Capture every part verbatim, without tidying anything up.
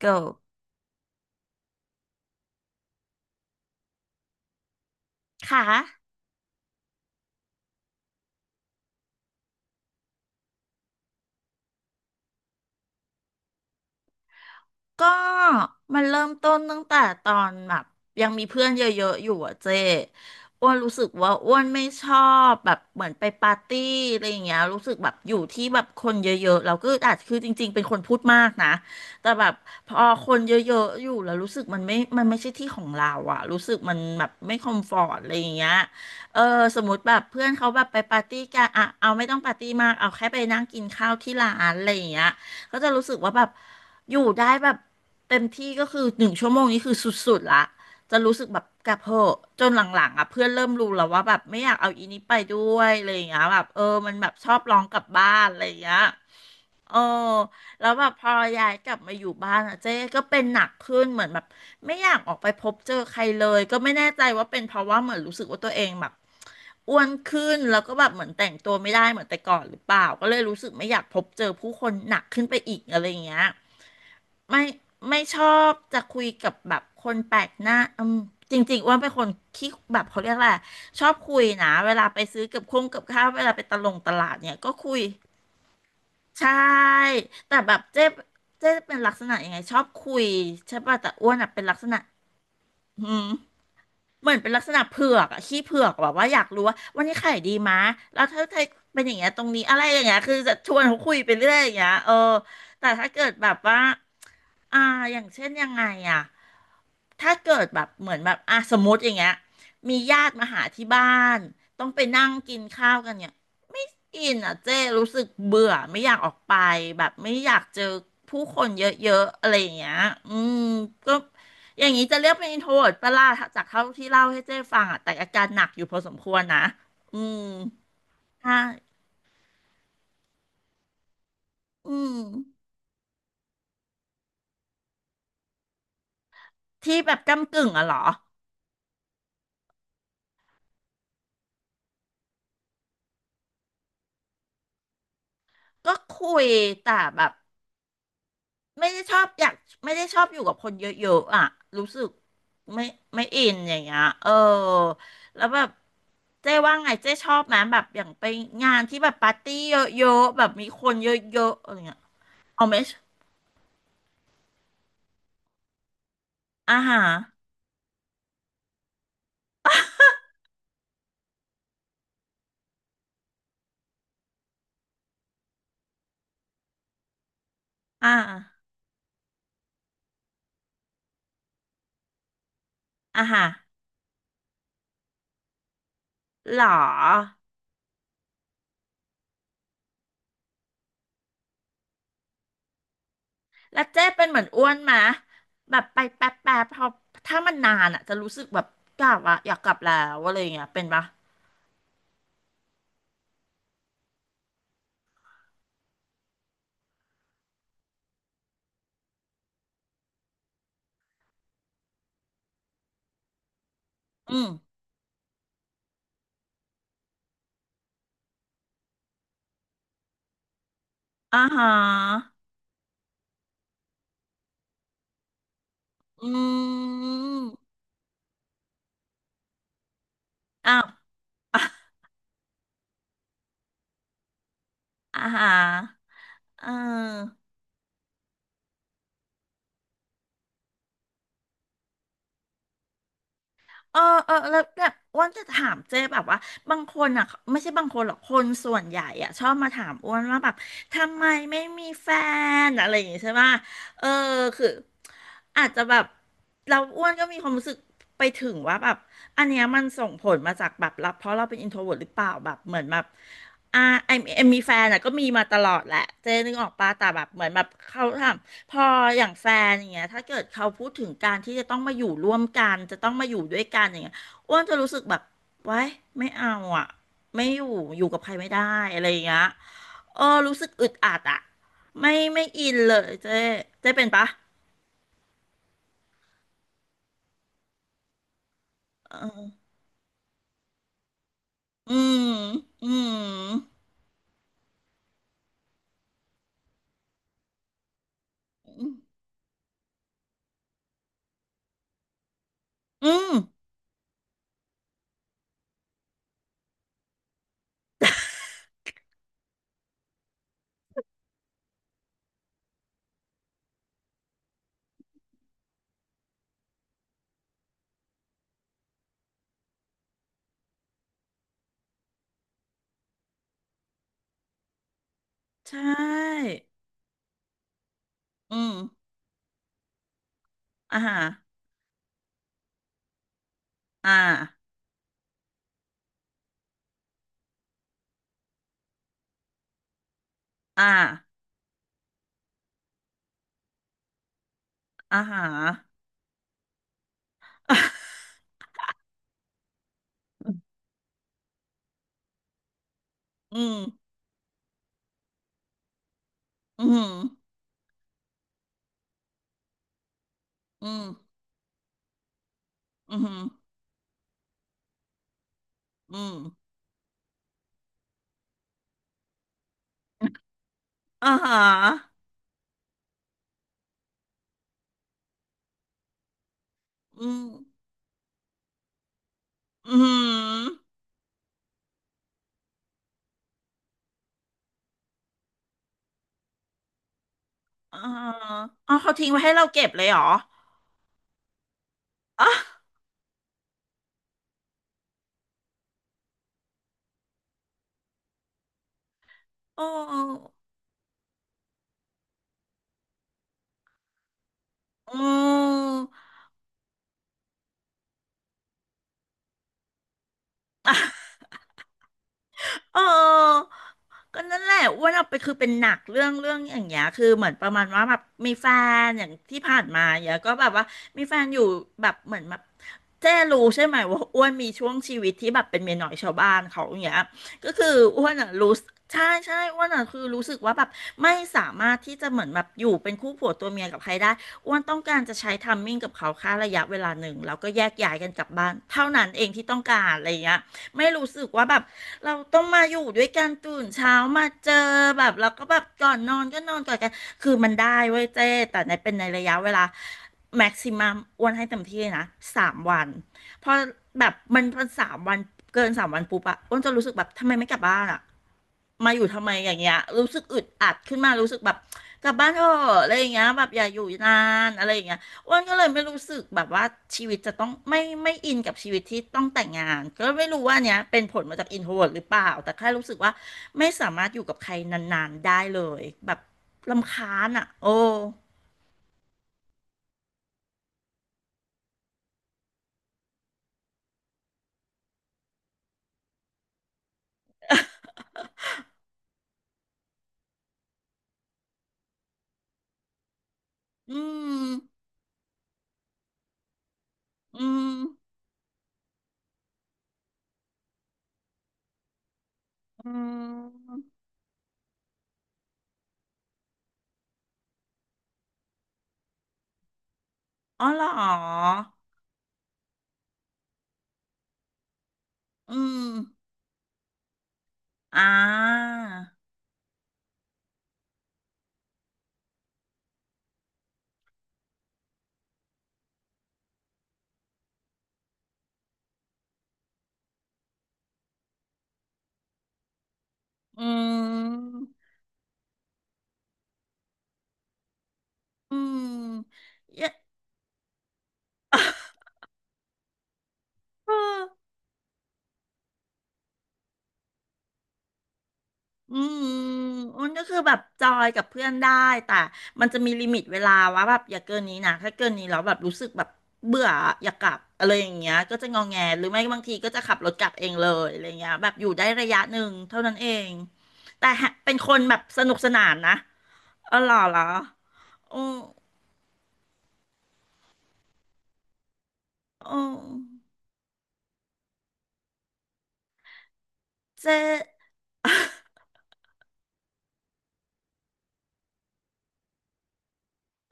ก็ค่ะ ก็มันเริ่มต้นตั้งแต่ตอนแบบยังมีเพื่อนเยอะๆอยู่อะเจ๊อ้วนรู้สึกว่าอ้วนไม่ชอบแบบเหมือนไปปาร์ตี้อะไรอย่างเงี้ยรู้สึกแบบอยู่ที่แบบคนเยอะๆเราก็อาจคือจริงๆเป็นคนพูดมากนะแต่แบบพอคนเยอะๆอยู่แล้วรู้สึกมันไม่มันไม่ใช่ที่ของเราอะรู้สึกมันแบบไม่คอมฟอร์ตอะไรอย่างเงี้ยเออสมมติแบบเพื่อนเขาแบบไปปาร์ตี้กันอะเอาไม่ต้องปาร์ตี้มากเอาแค่ไปนั่งกินข้าวที่ร้านอะไรอย่างเงี้ยก็จะรู้สึกว่าแบบ อยู่ได้แบบเต็มที่ก็คือหนึ่งชั่วโมงนี้คือสุดๆละจะรู้สึกแบบกลับเหอะจนหลังๆอ่ะเพื่อนเริ่มรู้แล้วว่าแบบไม่อยากเอาอีนี้ไปด้วยอะไรอย่างเงี้ยแบบเออมันแบบชอบร้องกลับบ้านอะไรอย่างเงี้ยเออแล้วแบบพอย้ายกลับมาอยู่บ้านอ่ะเจ๊ก็เป็นหนักขึ้นเหมือนแบบไม่อยากออกไปพบเจอใครเลยก็ไม่แน่ใจว่าเป็นเพราะว่าเหมือนรู้สึกว่าตัวเองแบบอ้วนขึ้นแล้วก็แบบเหมือนแต่งตัวไม่ได้เหมือนแต่ก่อนหรือเปล่าก็เลยรู้สึกไม่อยากพบเจอผู้คนหนักขึ้นไปอีกอะไรอย่างเงี้ย ไม่ไม่ชอบจะคุยกับแบบคนแปลกหน้าอืมจริงๆอ้ว่าเป็นคนขี้แบบเขาเรียกอะไรชอบคุยนะเวลาไปซื้อกับคงกับข้าวเวลาไปตะลงตลาดเนี่ยก็คุยใช่แต่แบบเจ๊เจ๊เป็นลักษณะยังไงชอบคุยใช่ป่ะแต่อ้วนอ่ะเป็นลักษณะอืม เหมือนเป็นลักษณะเผือกอะขี้เผือกแบบว่าอยากรู้ว่าวันนี้ขายดีมะแล้วถ้าไทยเป็นอย่างเงี้ยตรงนี้อะไรอย่างเงี้ยคือจะชวนเขาคุยไปเรื่อยอย่างเงี้ยเออแต่ถ้าเกิดแบบว่าอ่าอย่างเช่นยังไงอะถ้าเกิดแบบเหมือนแบบอ่ะสมมติอย่างเงี้ยมีญาติมาหาที่บ้านต้องไปนั่งกินข้าวกันเนี่ยไม่อินอ่ะเจ้รู้สึกเบื่อไม่อยากออกไปแบบไม่อยากเจอผู้คนเยอะๆอะไรอย่างเงี้ยอืมก็ อย่างนี้จะเรียกเป็น introvert ปะล่ะจากเท่าที่เล่าให้เจ้ฟังอ่ะแต่อาการหนักอยู่พอสมควรนะอืมใช่อืมที่แบบก้ำกึ่งอะเหรอก็คุยแต่แบบไม่ได้ชอบอยากไม่ได้ชอบอยู่กับคนเยอะๆอะรู้สึกไม่ไม่อินอย่างเงี้ยเออแล้วแบบเจ๊ว่าไงเจ๊ชอบไหมแบบอย่างไปงานที่แบบปาร์ตี้เยอะๆแบบมีคนเยอะๆอะไรเงี้ยเอาไหมอ่าฮะอ่าอ่าฮะเหรอ แล้วเจ๊เป็นเหมือนอ้วนไหมะแบบไปแป๊บแป๊บพอถ้ามันนานอ่ะจะรู้สึกแบบกลับอะอยากกลับแล้วอะไรอย่างเงี้ยเป็นปะอืมอ่าฮะอืมอ้าว อ่ะอ่าฮะเออเออเออแล้วแบบอ้วนจะถามเจ๊แบบว่าบางคนอ่ะไม่ใช่บางคนหรอกคนส่วนใหญ่อ่ะชอบมาถามอ้วนว่าแบบทำไมไม่มีแฟนอะไรอย่างงี้ใช่ปะ เออคืออาจจะแบบเราอ้วนก็มีความรู้สึกไปถึงว่าแบบอันเนี้ยมันส่งผลมาจากแบบรับเพราะเราเป็นอินโทรเวิร์หรือเปล่าแบบเหมือนแบบอ่าไอเอ็มมีแฟนอะก็มีมาตลอดแหละเจนึกออกปะแต่แบบเหมือนแบบเขาทำพออย่างแฟนอย่างเงี้ยถ้าเกิดเขาพูดถึงการที่จะต้องมาอยู่ร่วมกันจะต้องมาอยู่ด้วยกันอย่างเงี้ยอ้วนจะรู้สึกแบบไว้ายไม่เอาอะไม่อยู่อยู่กับใครไม่ได้อะไรอย่างเงี้ย เออรู้สึกอึดอัดอะไม่ไม่อินเลยเจ๊เจ๊เป็นปะเอออืมอืมอืมใช่อืมอ่าฮะอ่าอ่าอ่าฮะ อืมอืมอืมอืมอืมอ่าฮะอืมอืมอ่าอ๋อเขาทิ้งไว้ให้เราเก็บเลยเหรออ๋อโอ้อืม เออก็นั่นแหละอ้วนเอาไปคือเป็นหนักเรื่องเรื่องอย่างเงี้ยคือเหมือนประมาณว่าแบบมีแฟนอย่างที่ผ่านมาอย่างเงี้ยก็แบบว่ามีแฟนอยู่แบบเหมือนแบบเจ้รู้ใช่ไหมว่าอ้วนมีช่วงชีวิตที่แบบเป็นเมียน้อยชาวบ้านเขาอย่างเงี้ยก็คืออ้วนอ่ะรู้สึกใช่ใช่อ้วนอ่ะคือรู้สึกว่าแบบไม่สามารถที่จะเหมือนแบบอยู่เป็นคู่ผัวตัวเมียกับใครได้อ้วนต้องการจะใช้ทัมมิ่งกับเขาแค่ระยะเวลาหนึ่งแล้วก็แยกย้ายกันกลับบ้านเท่านั้นเองที่ต้องการอะไรอย่างเงี้ยไม่รู้สึกว่าแบบ เราต้องมาอยู่ด้วยกันตื่นเช้ามาเจอแบบแล้วก็แบบก่อนนอนก็นอนก่อนกันคือมันได้เว้ยเจ้แต่ในเป็นในระยะเวลาแม็กซิมัมอ้วนให้เต็มที่เลยนะสามวันพอแบบมันเป็นสามวันเกินสามวันปุ๊บอะอ้วนจะรู้สึกแบบทำไมไม่กลับบ้านอะมาอยู่ทำไมอย่างเงี้ยรู้สึกอึดอัดขึ้นมารู้สึกแบบกลับบ้านเถอะอะไรอย่างเงี้ยแบบอย่าอยู่นานอะไรอย่างเงี้ย อ้วนก็เลยไม่รู้สึกแบบว่าชีวิตจะต้องไม่ไม่อินกับชีวิตที่ต้องแต่งงานก็ไม่รู้ว่าเนี้ยเป็นผลมาจากอินโทรเวิร์หรือเปล่าแต่แค่รู้สึกว่าไม่สามารถอยู่กับใครนานๆได้เลยแบบรำคาญอ่ะโอ้อืมอืมอืมอ๋อเหรออืมอ่าอืมอืมเย เออ อืมอ้นก็คือแบบจอยกับเพื่อนได้แต่มันจะมีลิมิตเวลาว่าแบบอย่าเกินนี้นะถ้าเกินนี้แล้วแบบรู้สึกแบบเบื่ออยากกลับอะไรอย่างเงี้ยก็จะงอแงหรือไม่บางทีก็จะขับรถกลับเองเลยอะไรเงี้ยแบบอยู่ได้ระยะหนึ่งเท่านั้นเองแต่เป็นคนแบบสนุกสนานนะอ๋อเหรอเหรออืออือเจ๊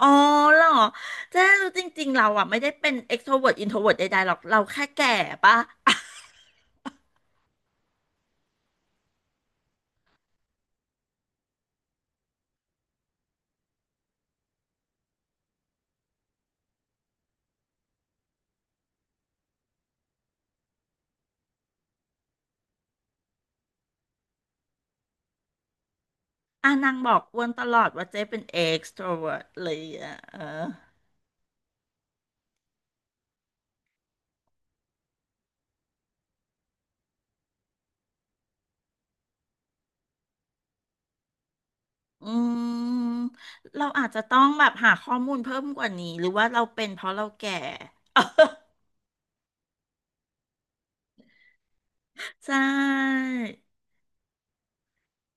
อ๋อเหรอเจ๊รู้จริงๆเราอ่ะไม่ได้เป็น extrovert อินโทรเวิร์ต ใดๆหรอกเราแค่แก่ปะ อ่ะนางบอกอ้วนตลอดว่าเจ๊เป็น extrovert เลยอ่ะเอออืมเราอาจจะต้องแบบหาข้อมูลเพิ่มกว่านี้หรือว่าเราเป็นเพราะเราแก่ใช่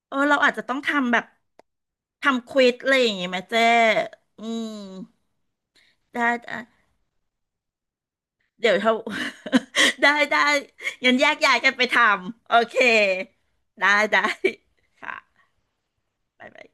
เออเราอาจจะต้องทำแบบทำควิดอะไรอย่างนงี้ไหมเจ๊อืมได้ได้เดี๋ยวเรา ได้ได้งั้นแยกย้ายกันไปทำโอเคได้ได้ค่ะบ๊ายบาย